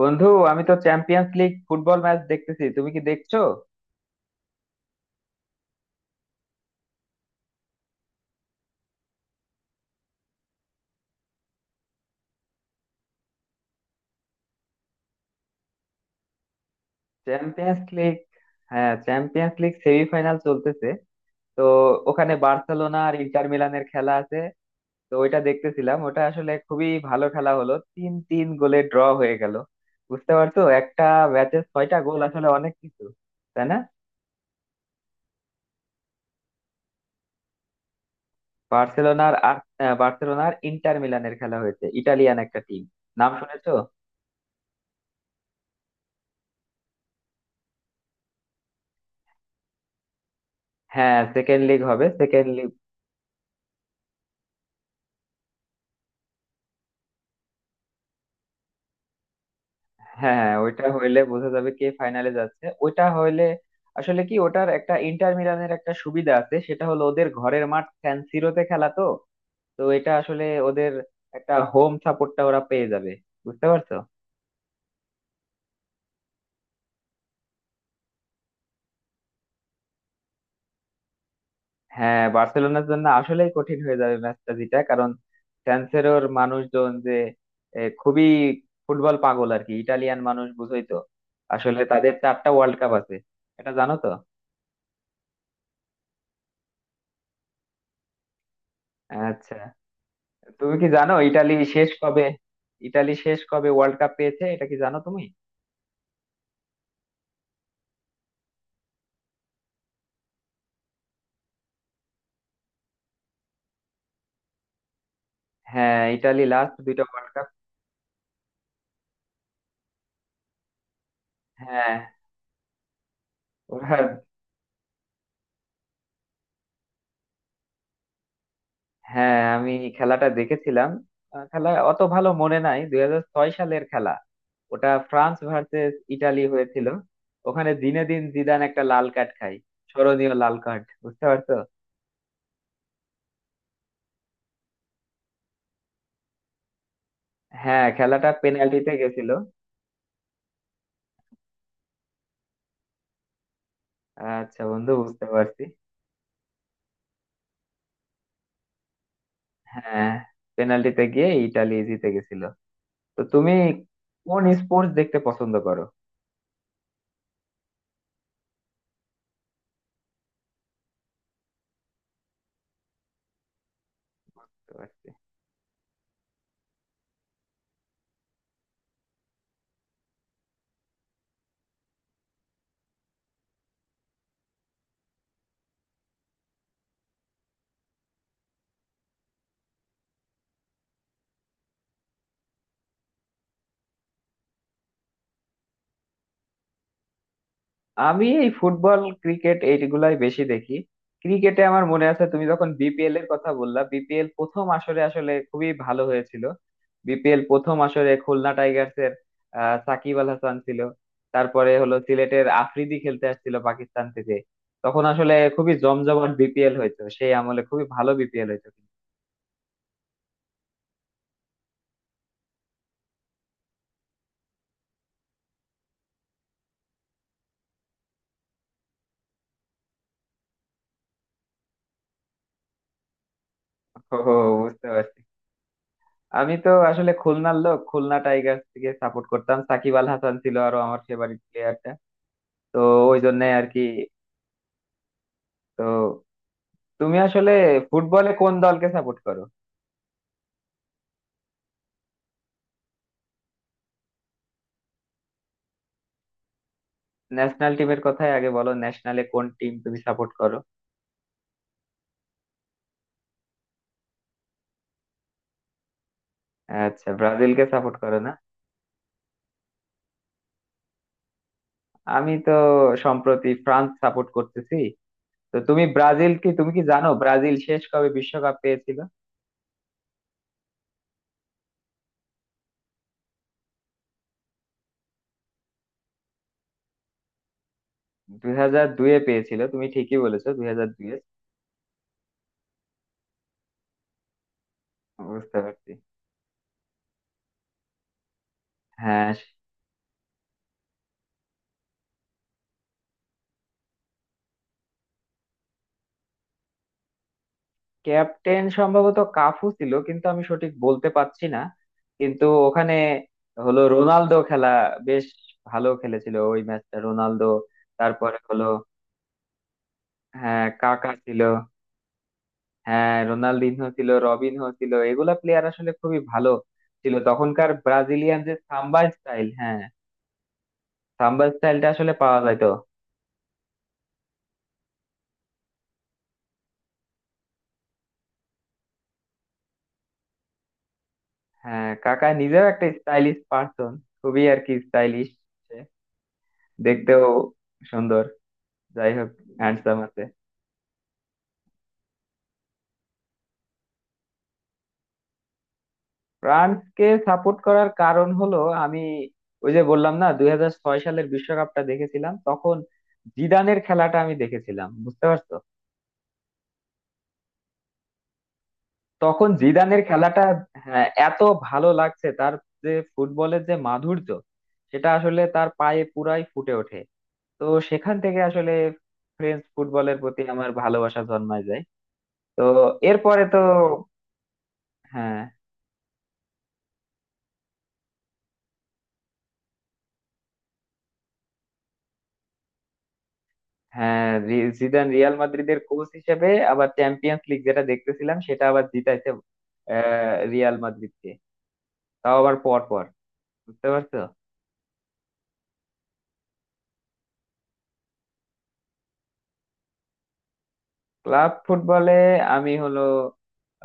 বন্ধু, আমি তো চ্যাম্পিয়ন্স লিগ ফুটবল ম্যাচ দেখতেছি, তুমি কি দেখছো? Champions League. হ্যাঁ, চ্যাম্পিয়ন্স লিগ সেমিফাইনাল চলতেছে। তো ওখানে বার্সেলোনা আর ইন্টার মিলানের খেলা আছে। তো ওইটা দেখতেছিলাম, ওটা আসলে খুবই ভালো খেলা হলো, 3-3 গোলে ড্র হয়ে গেল। বুঝতে পারছো, একটা ম্যাচে 6টা গোল আসলে অনেক কিছু, তাই না? বার্সেলোনার আর বার্সেলোনার ইন্টার মিলানের খেলা হয়েছে, ইটালিয়ান একটা টিম, নাম শুনেছো? হ্যাঁ, সেকেন্ড লিগ হবে, সেকেন্ড। হ্যাঁ হ্যাঁ, ওইটা হইলে বোঝা যাবে কে ফাইনালে যাচ্ছে, ওইটা হইলে। আসলে কি, ওটার একটা ইন্টার মিলানের একটা সুবিধা আছে, সেটা হলো ওদের ঘরের মাঠ সান সিরোতে খেলা তো তো এটা আসলে ওদের একটা হোম সাপোর্টটা ওরা পেয়ে যাবে, বুঝতে পারছো। হ্যাঁ, বার্সেলোনার জন্য আসলেই কঠিন হয়ে যাবে ম্যাচটা জিতা, কারণ সান সিরোর মানুষজন যে খুবই ফুটবল পাগল, আর কি ইটালিয়ান মানুষ বুঝোই তো। আসলে তাদের 4টা ওয়ার্ল্ড কাপ আছে, এটা জানো তো? আচ্ছা, তুমি কি জানো ইটালি শেষ কবে, ইটালি শেষ কবে ওয়ার্ল্ড কাপ পেয়েছে, এটা কি জানো তুমি? হ্যাঁ, ইটালি লাস্ট দুইটা ওয়ার্ল্ড কাপ। হ্যাঁ, ওরা। হ্যাঁ, আমি খেলাটা দেখেছিলাম। খেলা অত ভালো মনে নাই, 2006 সালের খেলা, ওটা ফ্রান্স ভার্সেস ইটালি হয়েছিল। ওখানে জিনেদিন জিদান একটা লাল কার্ড খায়, স্মরণীয় লাল কার্ড, বুঝতে পারছো। হ্যাঁ, খেলাটা পেনাল্টিতে গেছিল। আচ্ছা বন্ধু, বুঝতে পারছি। হ্যাঁ, পেনাল্টিতে গিয়ে ইটালি জিতে গেছিল। তো তুমি কোন স্পোর্টস দেখতে পছন্দ করো? বুঝতে পারছি। আমি এই ফুটবল, ক্রিকেট এইগুলাই বেশি দেখি। ক্রিকেটে আমার মনে আছে, তুমি যখন বিপিএল এর কথা বললা, বিপিএল প্রথম আসরে আসলে খুবই ভালো হয়েছিল। বিপিএল প্রথম আসরে খুলনা টাইগার্স এর সাকিব আল হাসান ছিল। তারপরে হলো সিলেটের আফ্রিদি খেলতে আসছিল পাকিস্তান থেকে। তখন আসলে খুবই জমজমাট বিপিএল হয়েছে, সেই আমলে খুবই ভালো বিপিএল হয়েছে। ও, বুঝতে পারছি। আমি তো আসলে খুলনার লোক, খুলনা টাইগার্স কে সাপোর্ট করতাম, সাকিব আল হাসান ছিল আরো আমার ফেভারিট প্লেয়ারটা। তো ওই জন্য আর কি। তো তুমি আসলে ফুটবলে কোন দলকে সাপোর্ট করো? ন্যাশনাল টিমের কথাই আগে বলো, ন্যাশনালে কোন টিম তুমি সাপোর্ট করো? আচ্ছা, ব্রাজিলকে সাপোর্ট করো না। আমি তো সম্প্রতি ফ্রান্স সাপোর্ট করতেছি। তো তুমি ব্রাজিল কি, তুমি কি জানো ব্রাজিল শেষ কবে বিশ্বকাপ পেয়েছিল? 2002-এ পেয়েছিল, তুমি ঠিকই বলেছো, 2002-এ। বুঝতে পারছি। হ্যাঁ, ক্যাপ্টেন সম্ভবত কাফু ছিল, কিন্তু আমি সঠিক বলতে পারছি না। কিন্তু ওখানে হলো রোনালদো খেলা, বেশ ভালো খেলেছিল ওই ম্যাচটা রোনালদো। তারপরে হলো, হ্যাঁ কাকা ছিল। হ্যাঁ, রোনালদিনহো ছিল, রবিনহো ছিল, এগুলা প্লেয়ার আসলে খুবই ভালো ছিল তখনকার ব্রাজিলিয়ান, যে সাম্বা স্টাইল, হ্যাঁ সাম্বা স্টাইলটা আসলে পাওয়া যাইতো। হ্যাঁ, কাকা নিজেও একটা স্টাইলিশ পার্সন, খুবই আর কি স্টাইলিশ, দেখতেও সুন্দর। যাই হোক, হ্যান্ডসাম। ফ্রান্সকে সাপোর্ট করার কারণ হলো, আমি ওই যে বললাম না, 2006 সালের বিশ্বকাপটা দেখেছিলাম, তখন জিদানের খেলাটা আমি দেখেছিলাম, বুঝতে পারছো। তখন জিদানের খেলাটা এত ভালো লাগছে তার, যে ফুটবলের যে মাধুর্য সেটা আসলে তার পায়ে পুরাই ফুটে ওঠে। তো সেখান থেকে আসলে ফ্রেঞ্চ ফুটবলের প্রতি আমার ভালোবাসা জন্মায় যায়। তো এরপরে তো হ্যাঁ হ্যাঁ, জিদান রিয়াল মাদ্রিদের কোচ হিসেবে আবার চ্যাম্পিয়ন্স লিগ যেটা দেখতেছিলাম সেটা আবার জিতাইছে, রিয়াল মাদ্রিদকে, তাও আবার পর পর, বুঝতে পারছো। ক্লাব ফুটবলে আমি হলো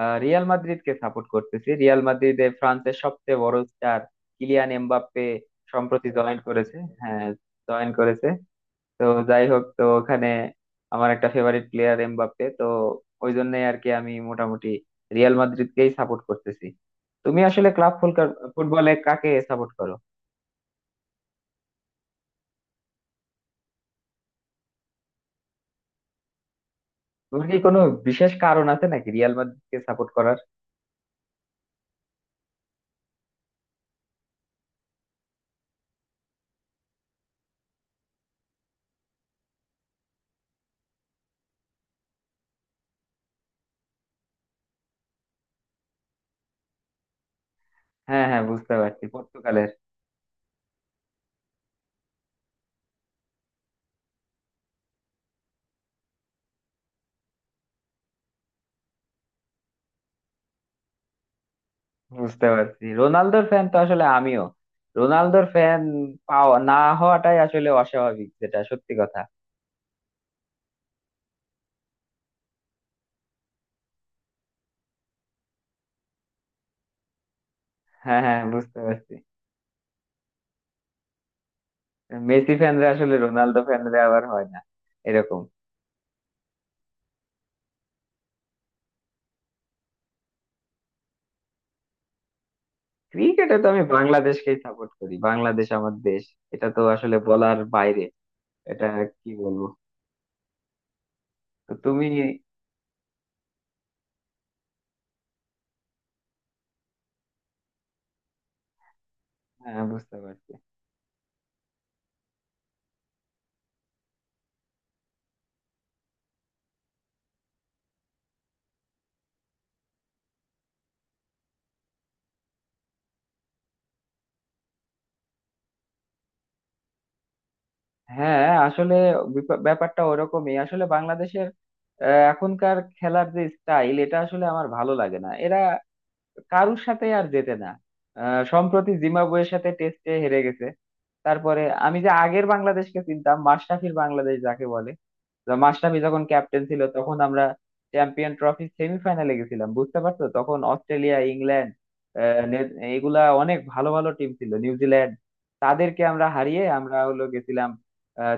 রিয়াল মাদ্রিদকে সাপোর্ট করতেছি, রিয়াল মাদ্রিদে ফ্রান্সের সবচেয়ে বড় স্টার কিলিয়ান এমবাপ্পে সম্প্রতি জয়েন করেছে। হ্যাঁ, জয়েন করেছে। তো যাই হোক, তো ওখানে আমার একটা ফেভারিট প্লেয়ার এমবাপ্পে, তো ওই জন্যই আর কি আমি মোটামুটি রিয়াল মাদ্রিদকেই সাপোর্ট করতেছি। তুমি আসলে ক্লাব ফুটবলে কাকে সাপোর্ট করো? তোমার কি কোনো বিশেষ কারণ আছে নাকি রিয়াল মাদ্রিদকে সাপোর্ট করার? হ্যাঁ হ্যাঁ, বুঝতে পারছি, পর্তুগালের। বুঝতে পারছি, রোনালদোর ফ্যান তো আসলে আমিও রোনালদোর ফ্যান, পাওয়া না হওয়াটাই আসলে অস্বাভাবিক, যেটা সত্যি কথা। হ্যাঁ হ্যাঁ, বুঝতে পারছি। মেসি ফ্যানরা আসলে রোনালদো ফ্যানরা আবার হয় না এরকম। ক্রিকেটে তো আমি বাংলাদেশকেই সাপোর্ট করি, বাংলাদেশ আমার দেশ, এটা তো আসলে বলার বাইরে। এটা কি বলবো? তো তুমি। হ্যাঁ, বুঝতে পারছি। হ্যাঁ আসলে ব্যাপারটা ওরকমই আসলে। বাংলাদেশের এখনকার খেলার যে স্টাইল এটা আসলে আমার ভালো লাগে না, এরা কারুর সাথে আর জেতে না। সম্প্রতি জিম্বাবুয়ের সাথে টেস্টে হেরে গেছে। তারপরে, আমি যে আগের বাংলাদেশকে চিনতাম মাশরাফির বাংলাদেশ যাকে বলে, মাশরাফি যখন ক্যাপ্টেন ছিল, তখন আমরা চ্যাম্পিয়ন ট্রফি সেমিফাইনালে গেছিলাম, বুঝতে পারছো। তখন অস্ট্রেলিয়া, ইংল্যান্ড, এগুলা অনেক ভালো ভালো টিম ছিল, নিউজিল্যান্ড, তাদেরকে আমরা হারিয়ে আমরা হলো গেছিলাম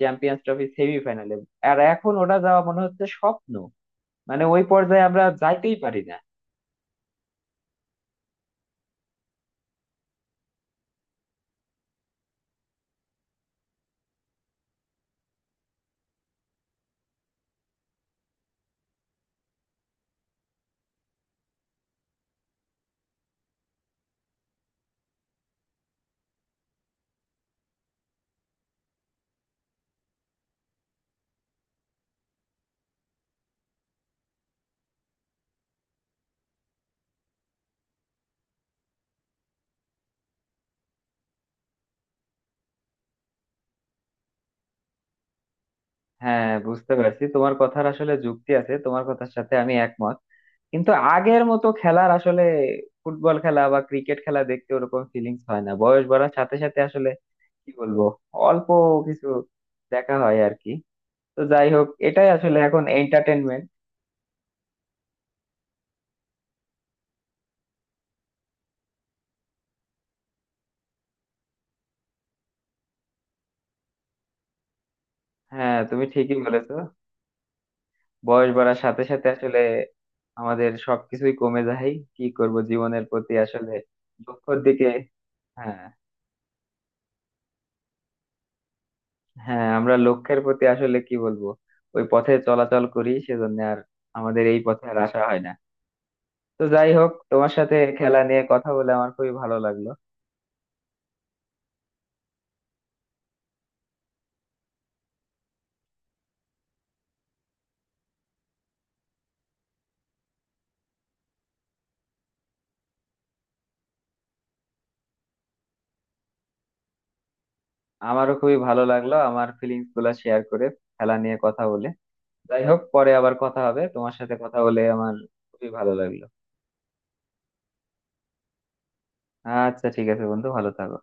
চ্যাম্পিয়ন্স ট্রফি সেমিফাইনালে। আর এখন ওটা যাওয়া মনে হচ্ছে স্বপ্ন, মানে ওই পর্যায়ে আমরা যাইতেই পারি না। হ্যাঁ, বুঝতে পারছি, তোমার কথার আসলে যুক্তি আছে, তোমার কথার সাথে আমি একমত। কিন্তু আগের মতো খেলার আসলে ফুটবল খেলা বা ক্রিকেট খেলা দেখতে ওরকম ফিলিংস হয় না, বয়স বাড়ার সাথে সাথে আসলে, কি বলবো, অল্প কিছু দেখা হয় আর কি। তো যাই হোক, এটাই আসলে এখন এন্টারটেনমেন্ট। হ্যাঁ, তুমি ঠিকই বলেছো, বয়স বাড়ার সাথে সাথে আসলে আমাদের সবকিছুই কমে যায়, কি করব, জীবনের প্রতি আসলে লক্ষ্যের দিকে। হ্যাঁ হ্যাঁ, আমরা লক্ষ্যের প্রতি আসলে কি বলবো, ওই পথে চলাচল করি, সেজন্য আর আমাদের এই পথে আর আসা হয় না। তো যাই হোক, তোমার সাথে খেলা নিয়ে কথা বলে আমার খুবই ভালো লাগলো। আমারও খুবই ভালো লাগলো আমার ফিলিংস গুলা শেয়ার করে খেলা নিয়ে কথা বলে। যাই হোক, পরে আবার কথা হবে, তোমার সাথে কথা বলে আমার খুবই ভালো লাগলো। আচ্ছা ঠিক আছে বন্ধু, ভালো থাকো।